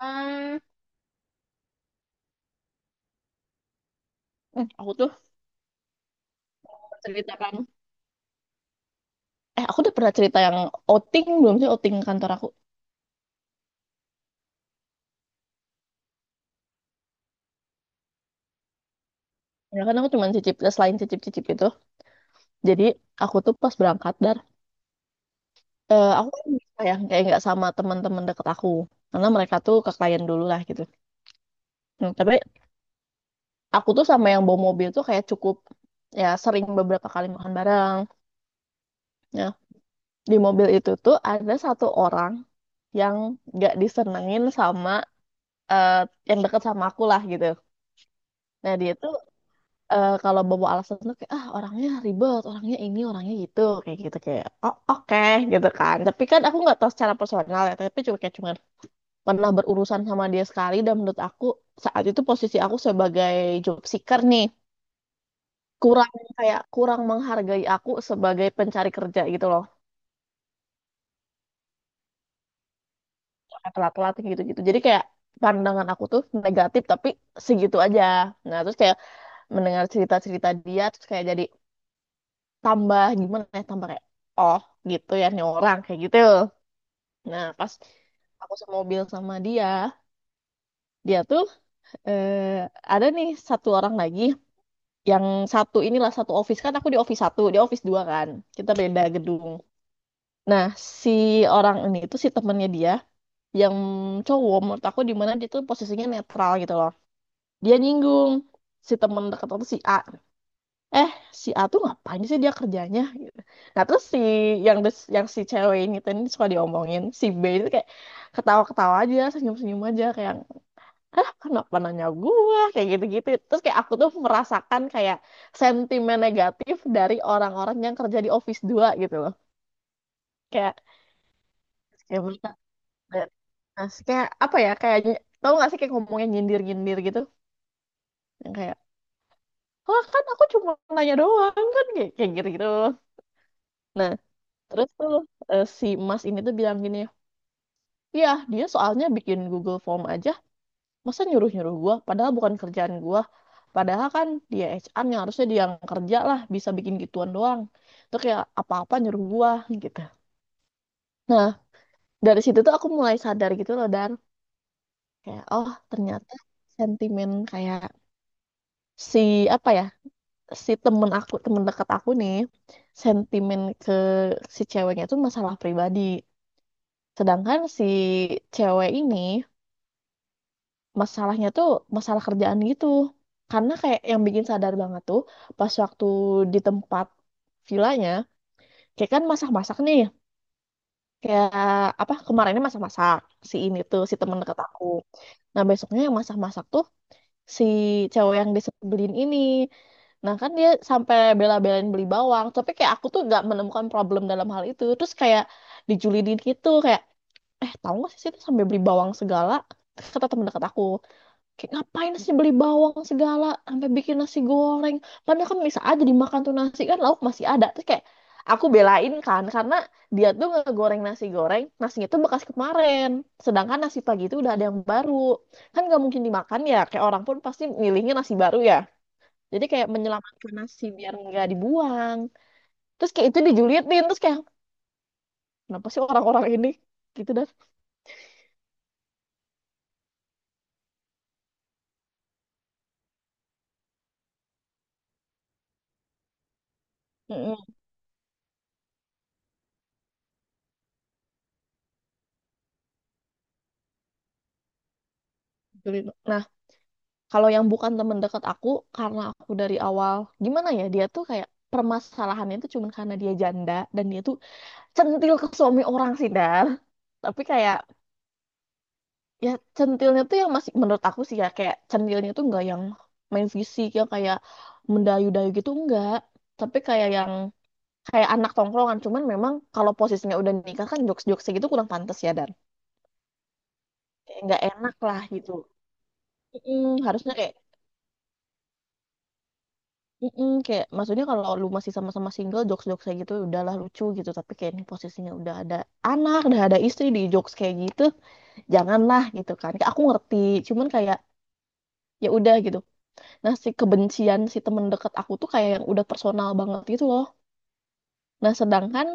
Hmm, hmm. Aku tuh cerita kan. Eh, aku udah pernah cerita yang outing belum sih, outing kantor aku. Ya kan aku cuma cicip, eh, selain cicip-cicip itu. Jadi aku tuh pas berangkat, aku kan bisa ya kayak nggak sama teman-teman deket aku. Karena mereka tuh ke klien dulu lah gitu. Hmm, tapi aku tuh sama yang bawa mobil tuh kayak cukup, ya sering beberapa kali makan bareng. Ya, di mobil itu tuh ada satu orang yang nggak disenengin sama, eh, yang deket sama aku lah gitu. Nah dia itu, kalau bawa alasan tuh kayak ah orangnya ribet, orangnya ini, orangnya gitu kayak oh oke gitu kan. Tapi kan aku nggak tahu secara personal ya, tapi cuma kayak cuman pernah berurusan sama dia sekali, dan menurut aku saat itu posisi aku sebagai job seeker nih kurang, kayak kurang menghargai aku sebagai pencari kerja gitu loh. Kayak telat-telat gitu-gitu. Jadi kayak pandangan aku tuh negatif, tapi segitu aja. Nah, terus kayak mendengar cerita-cerita dia, terus kayak jadi tambah gimana ya, tambah kayak oh gitu ya nih orang kayak gitu. Nah pas aku semobil sama dia dia tuh, eh, ada nih satu orang lagi yang satu inilah, satu office kan, aku di office satu, dia office dua kan, kita beda gedung. Nah si orang ini tuh si temennya dia, yang cowok, menurut aku di mana dia tuh posisinya netral gitu loh. Dia nyinggung si temen dekat aku si A, eh si A tuh ngapain sih dia kerjanya gitu. Nah terus si yang si cewek ini tuh ini suka diomongin si B itu kayak ketawa-ketawa aja, senyum-senyum aja, kayak ah kenapa nanya gua, kayak gitu-gitu. Terus kayak aku tuh merasakan kayak sentimen negatif dari orang-orang yang kerja di office 2 gitu loh, kayak kayak mereka. Nah, kayak apa ya, kayak tau gak sih kayak ngomongnya nyindir-nyindir gitu, yang kayak oh kan aku cuma nanya doang kan, kayak kayak gitu-gitu. Nah, terus tuh, si Mas ini tuh bilang gini, ya dia soalnya bikin Google Form aja, masa nyuruh-nyuruh gua, padahal bukan kerjaan gua. Padahal kan dia HR yang harusnya dia yang kerja lah, bisa bikin gituan doang. Itu kayak apa-apa nyuruh gua gitu. Nah, dari situ tuh aku mulai sadar gitu loh, dan kayak oh ternyata sentimen kayak si apa ya, si temen aku, temen dekat aku nih, sentimen ke si ceweknya tuh masalah pribadi. Sedangkan si cewek ini masalahnya tuh masalah kerjaan gitu, karena kayak yang bikin sadar banget tuh pas waktu di tempat villanya, kayak kan masak-masak nih, kayak apa kemarinnya masak-masak si ini tuh si temen deket aku, nah besoknya yang masak-masak tuh si cewek yang disebelin ini. Nah kan dia sampai bela-belain beli bawang, tapi kayak aku tuh gak menemukan problem dalam hal itu. Terus kayak dijulidin gitu, kayak eh tahu gak sih itu sampai beli bawang segala, kata temen dekat aku. Kayak ngapain sih beli bawang segala sampai bikin nasi goreng. Padahal kan bisa aja dimakan tuh nasi kan, lauk masih ada. Terus kayak aku belain kan karena dia tuh ngegoreng nasi goreng, nasinya tuh bekas kemarin. Sedangkan nasi pagi itu udah ada yang baru. Kan nggak mungkin dimakan ya, kayak orang pun pasti milihnya nasi baru ya. Jadi kayak menyelamatkan nasi biar nggak dibuang. Terus kayak itu dijulitin, terus kayak kenapa sih orang-orang ini gitu dah. Mm-mm, julid. Nah, kalau yang bukan temen deket aku, karena aku dari awal, gimana ya, dia tuh kayak permasalahannya itu cuma karena dia janda dan dia tuh centil ke suami orang sih, Dar. Tapi kayak ya centilnya tuh yang masih menurut aku sih ya kayak centilnya tuh nggak yang main fisik, yang kayak mendayu-dayu gitu enggak. Tapi kayak yang kayak anak tongkrongan, cuman memang kalau posisinya udah nikah kan jokes-jokes gitu kurang pantas ya, dan kayak nggak enak lah gitu. Mm, harusnya kayak mm-mm, kayak maksudnya kalau lu masih sama-sama single jokes-jokes kayak gitu udahlah lucu gitu, tapi kayak ini posisinya udah ada anak, udah ada istri, di jokes kayak gitu janganlah gitu kan, kayak aku ngerti cuman kayak ya udah gitu. Nah si kebencian si temen deket aku tuh kayak yang udah personal banget gitu loh. Nah sedangkan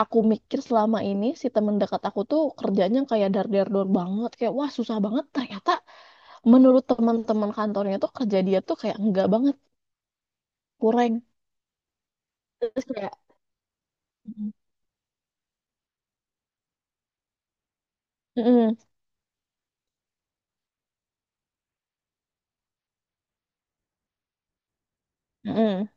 aku mikir selama ini si temen dekat aku tuh kerjanya kayak dar dar dor banget, kayak wah susah banget, ternyata menurut teman-teman kantornya tuh kerja dia tuh kayak enggak banget, kurang, terus kayak mm-mm. Mm-mm.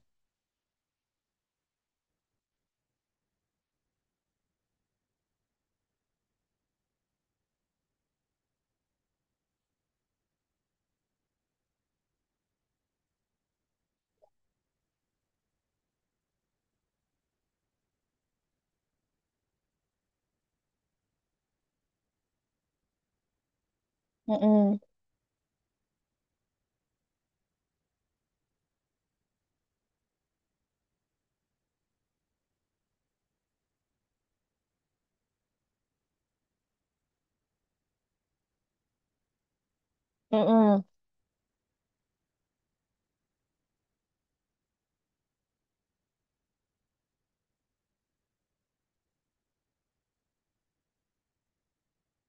Mm-mm. Mm-mm.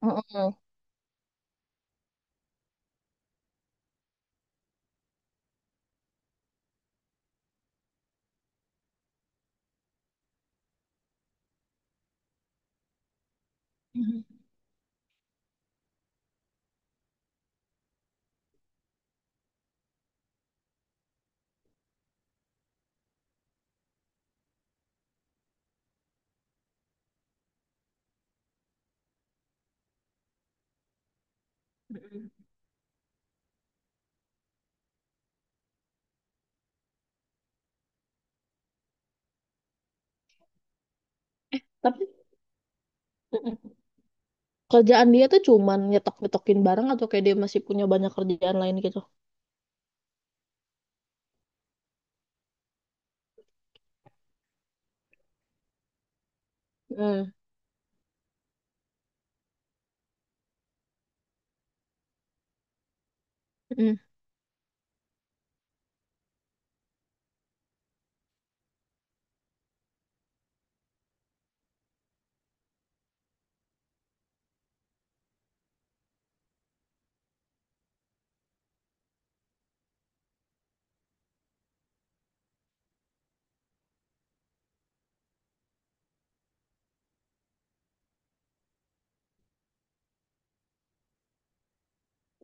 Mm-mm. Mhm. Mhm. Tapi mhm. Kerjaan dia tuh cuman nyetok-nyetokin barang atau kayak dia masih punya banyak kerjaan lain gitu? Mhm. Mhm.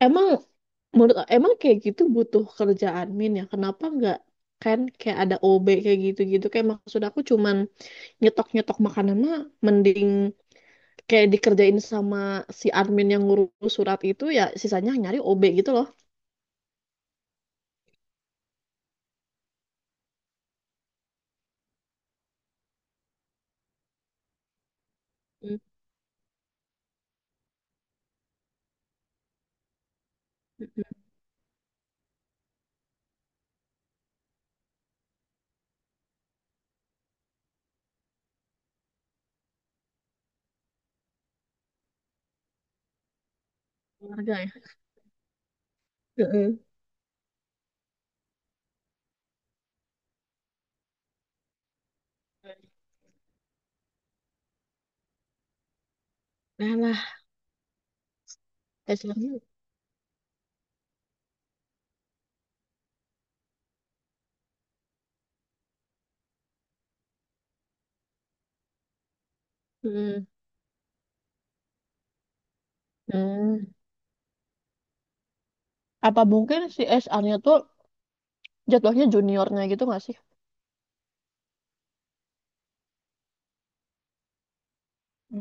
Emang menurut, emang kayak gitu butuh kerjaan min ya? Kenapa nggak, kan kayak ada OB kayak gitu-gitu? Kayak maksud aku cuman nyetok-nyetok makanan mah mending kayak dikerjain sama si admin yang ngurus surat itu, ya sisanya nyari OB gitu loh. Mhm. Keluarga ya. Mhm. Nah lah, dasarnya. Hmm. Apa mungkin si SR-nya tuh jatuhnya juniornya gitu nggak sih? Hmm.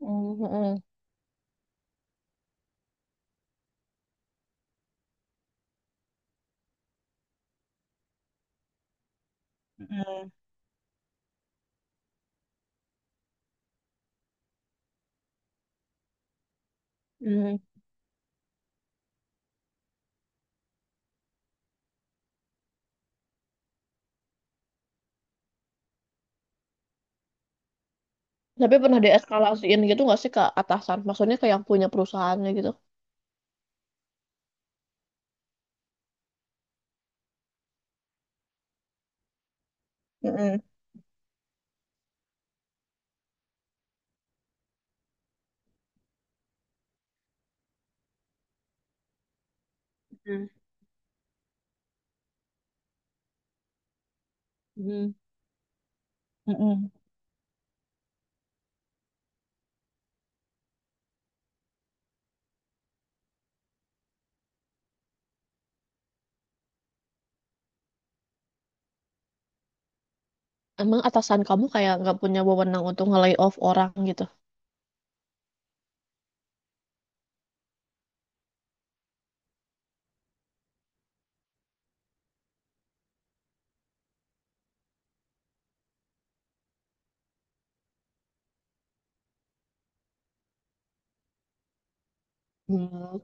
Hmm. Mm. Hmm. Tapi pernah deeskalasiin gitu nggak sih ke atasan? Maksudnya ke yang punya perusahaannya gitu? Mm-mm. Hmm. Hmm. Mm-mm. Emang atasan kamu kayak nggak punya wewenang untuk nge off orang gitu? Hmm,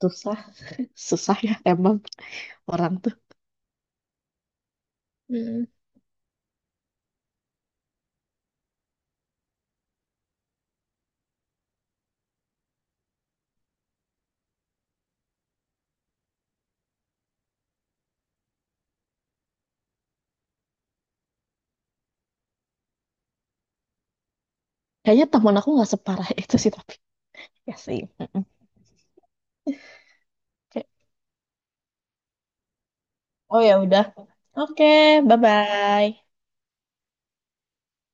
susah, susah ya emang orang tuh. Hmm. Kayaknya teman aku nggak separah itu sih, tapi ya sih. Mm-mm. Oke. Oh ya udah. Oke, bye-bye.